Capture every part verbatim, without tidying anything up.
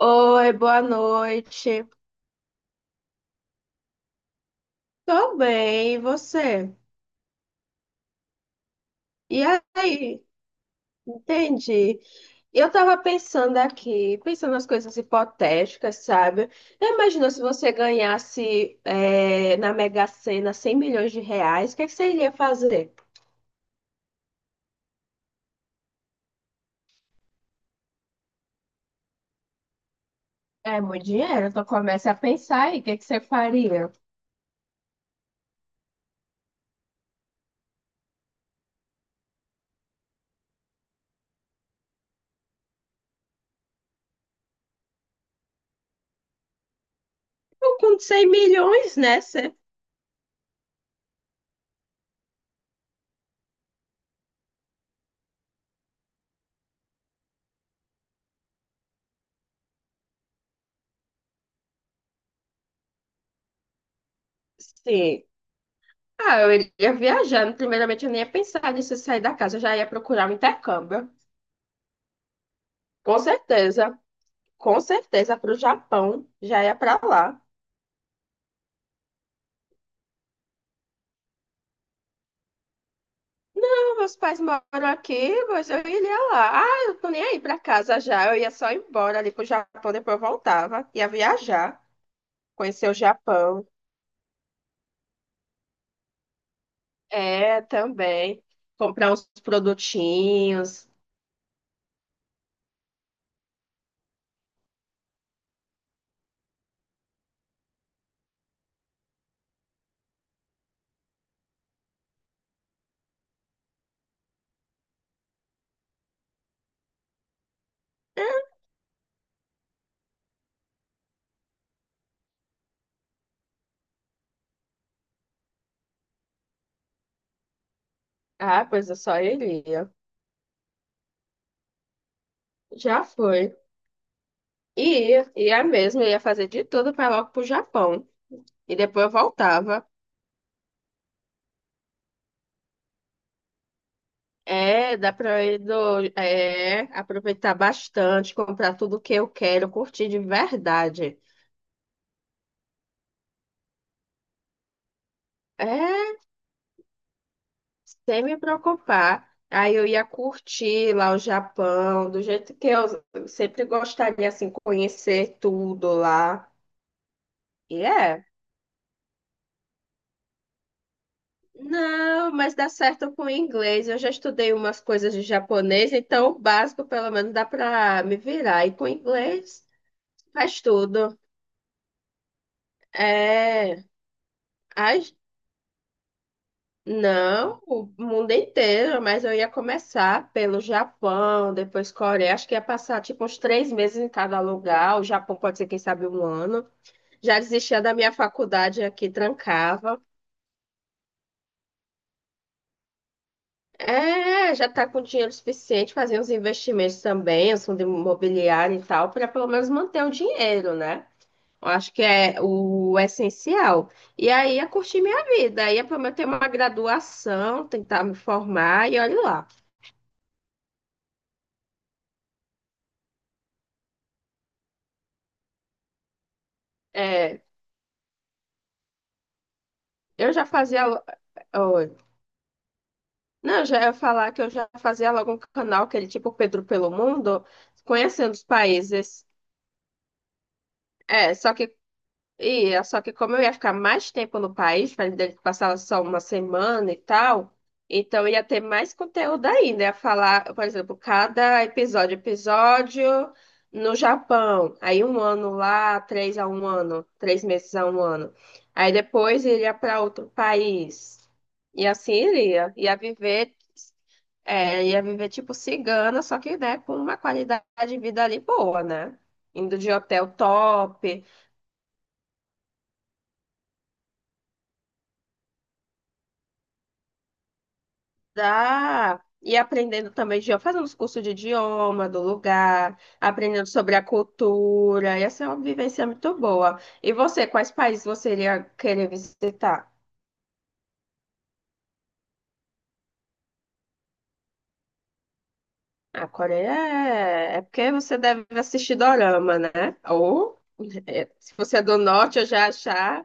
Oi, boa noite. Tô bem, e você? E aí? Entendi. Eu tava pensando aqui, pensando nas coisas hipotéticas, sabe? Imagina se você ganhasse é, na Mega Sena cem milhões de reais, o que é que você iria fazer? É muito dinheiro, então comece a pensar aí, o que que você faria? Eu com cem milhões, né? Você... Sim. Ah, eu iria viajar. Primeiramente, eu nem ia pensar nisso, sair da casa, eu já ia procurar um intercâmbio. Com certeza, com certeza, para o Japão, já ia para lá. Não, meus pais moram aqui, mas eu iria lá. Ah, eu tô nem aí para casa já, eu ia só embora ali pro Japão, depois eu voltava, ia viajar, conhecer o Japão. É, também, comprar uns produtinhos. Ah, pois eu só iria. Já foi. E ia, ia mesmo, eu ia fazer de tudo para logo pro Japão. E depois eu voltava. É, dá para eu ir do, é, aproveitar bastante, comprar tudo que eu quero, curtir de verdade. É, sem me preocupar. Aí eu ia curtir lá o Japão, do jeito que eu sempre gostaria, assim, conhecer tudo lá. E é. Não, mas dá certo com o inglês. Eu já estudei umas coisas de japonês, então o básico, pelo menos, dá para me virar. E com o inglês, faz tudo. É. Ai, não, o mundo inteiro, mas eu ia começar pelo Japão, depois Coreia. Acho que ia passar tipo uns três meses em cada lugar. O Japão pode ser, quem sabe, um ano. Já desistia da minha faculdade aqui, trancava. É, já tá com dinheiro suficiente, fazer uns investimentos também, os fundos imobiliários e tal, para pelo menos manter o dinheiro, né? Eu acho que é o essencial. E aí ia curtir minha vida, ia pelo menos ter uma graduação, tentar me formar e olha lá. É, eu já fazia. Lo- Oi. Não, eu já ia falar que eu já fazia logo um canal, aquele tipo Pedro pelo Mundo, conhecendo os países. É, só que ia, só que como eu ia ficar mais tempo no país, para passar só uma semana e tal, então ia ter mais conteúdo ainda. Ia falar, por exemplo, cada episódio, episódio no Japão, aí um ano lá, três a um ano, três meses a um ano. Aí depois iria para outro país. E assim iria. Ia viver, é, ia viver tipo cigana, só que né, com uma qualidade de vida ali boa, né? Indo de hotel top. Dá. E aprendendo também, de- fazendo os cursos de idioma do lugar, aprendendo sobre a cultura. Essa é uma vivência muito boa. E você, quais países você iria querer visitar? A Coreia é, é porque você deve assistir dorama, né? Ou é, se você é do norte, eu já achar.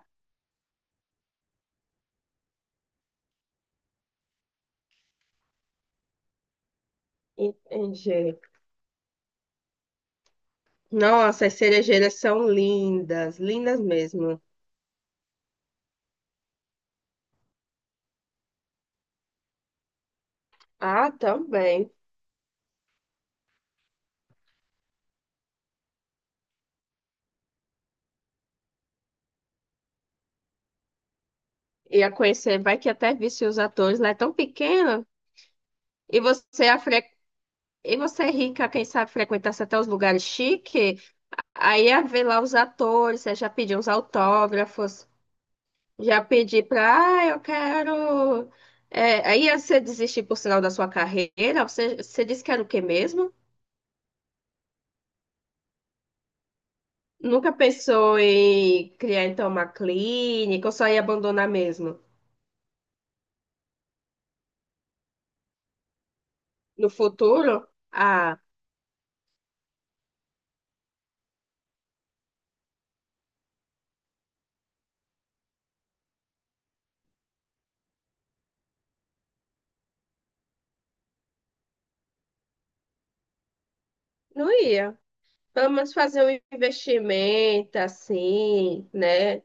Entendi. Nossa, as cerejeiras são lindas, lindas mesmo. Ah, também. Ia conhecer, vai que até visse os atores lá, é tão pequeno. E você ia fre- E você é rica, quem sabe frequentasse até os lugares chiques, aí ia ver lá os atores, aí já pedir uns autógrafos, já pedir pra, ah, eu quero. É, aí você desistir por sinal da sua carreira, você, você disse que era o quê mesmo? Nunca pensou em criar então uma clínica ou só ia abandonar mesmo? No futuro? Ah, não ia. Pelo menos fazer um investimento assim, né?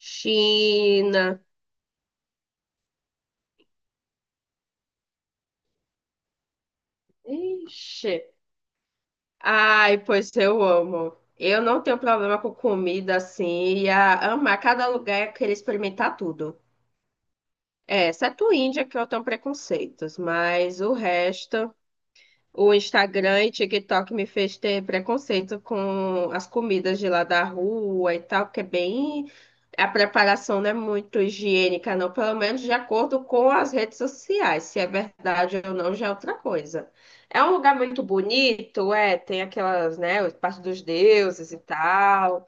China. Ixi. Ai, pois eu amo. Eu não tenho problema com comida assim, ia amar cada lugar e querer experimentar tudo. É, exceto Índia, que eu tenho preconceitos, mas o resto. O Instagram e TikTok me fez ter preconceito com as comidas de lá da rua e tal, que é bem. A preparação não é muito higiênica, não, pelo menos de acordo com as redes sociais. Se é verdade ou não, já é outra coisa. É um lugar muito bonito, é, tem aquelas, né, parte dos deuses e tal.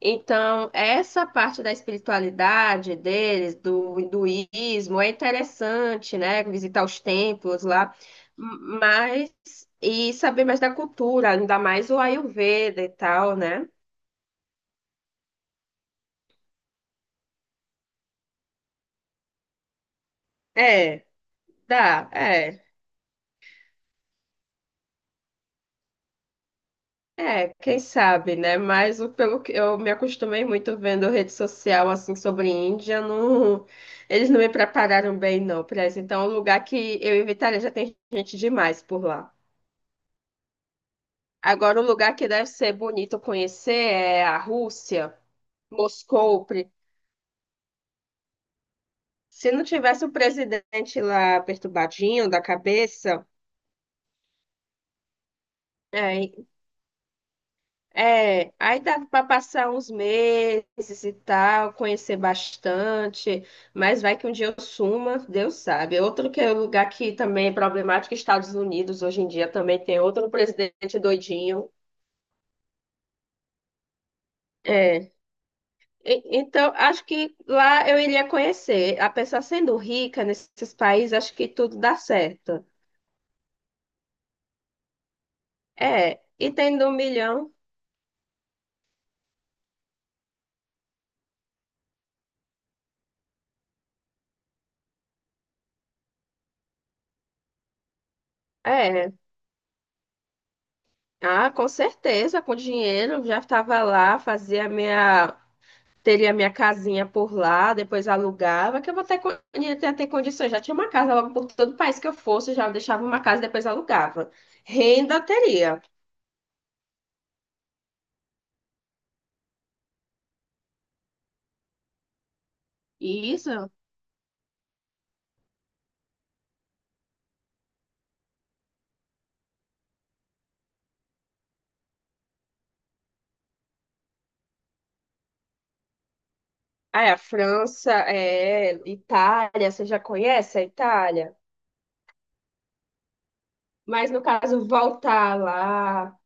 Então, essa parte da espiritualidade deles, do hinduísmo, é interessante, né? Visitar os templos lá, mas e saber mais da cultura, ainda mais o Ayurveda e tal, né? É, dá, é. É, quem sabe, né? Mas o- pelo que eu me acostumei muito vendo rede social assim sobre Índia, não, eles não me prepararam bem não para isso. Então, é um lugar que eu evitaria, já tem gente demais por lá. Agora, um lugar que deve ser bonito conhecer é a Rússia, Moscou. Pre- Se não tivesse o presidente lá perturbadinho da cabeça, é, é, aí dava para passar uns meses e tal, conhecer bastante, mas vai que um dia eu suma, Deus sabe. Outro que é um lugar que também é problemático, Estados Unidos, hoje em dia também tem outro presidente doidinho. É. E- Então, acho que lá eu iria conhecer. A pessoa sendo rica nesses países, acho que tudo dá certo. É, e tendo um milhão, é. Ah, com certeza, com dinheiro, já estava lá, fazia minha, teria minha casinha por lá, depois alugava, que eu vou ter, con- ia ter, ter condições. Já tinha uma casa logo por todo o país que eu fosse, já deixava uma casa e depois alugava. Renda teria. Isso. Ah, é, a França, é, Itália, você já conhece a Itália? Mas no caso, voltar lá.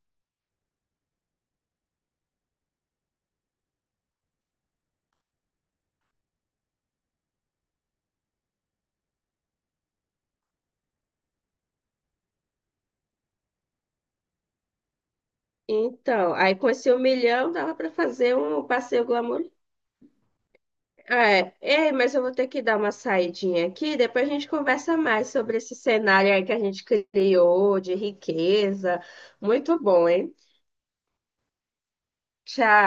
Então, aí com esse um milhão dava para fazer um passeio glamour. É, é, mas eu vou ter que dar uma saidinha aqui, depois a gente conversa mais sobre esse cenário aí que a gente criou de riqueza. Muito bom, hein? Tchau.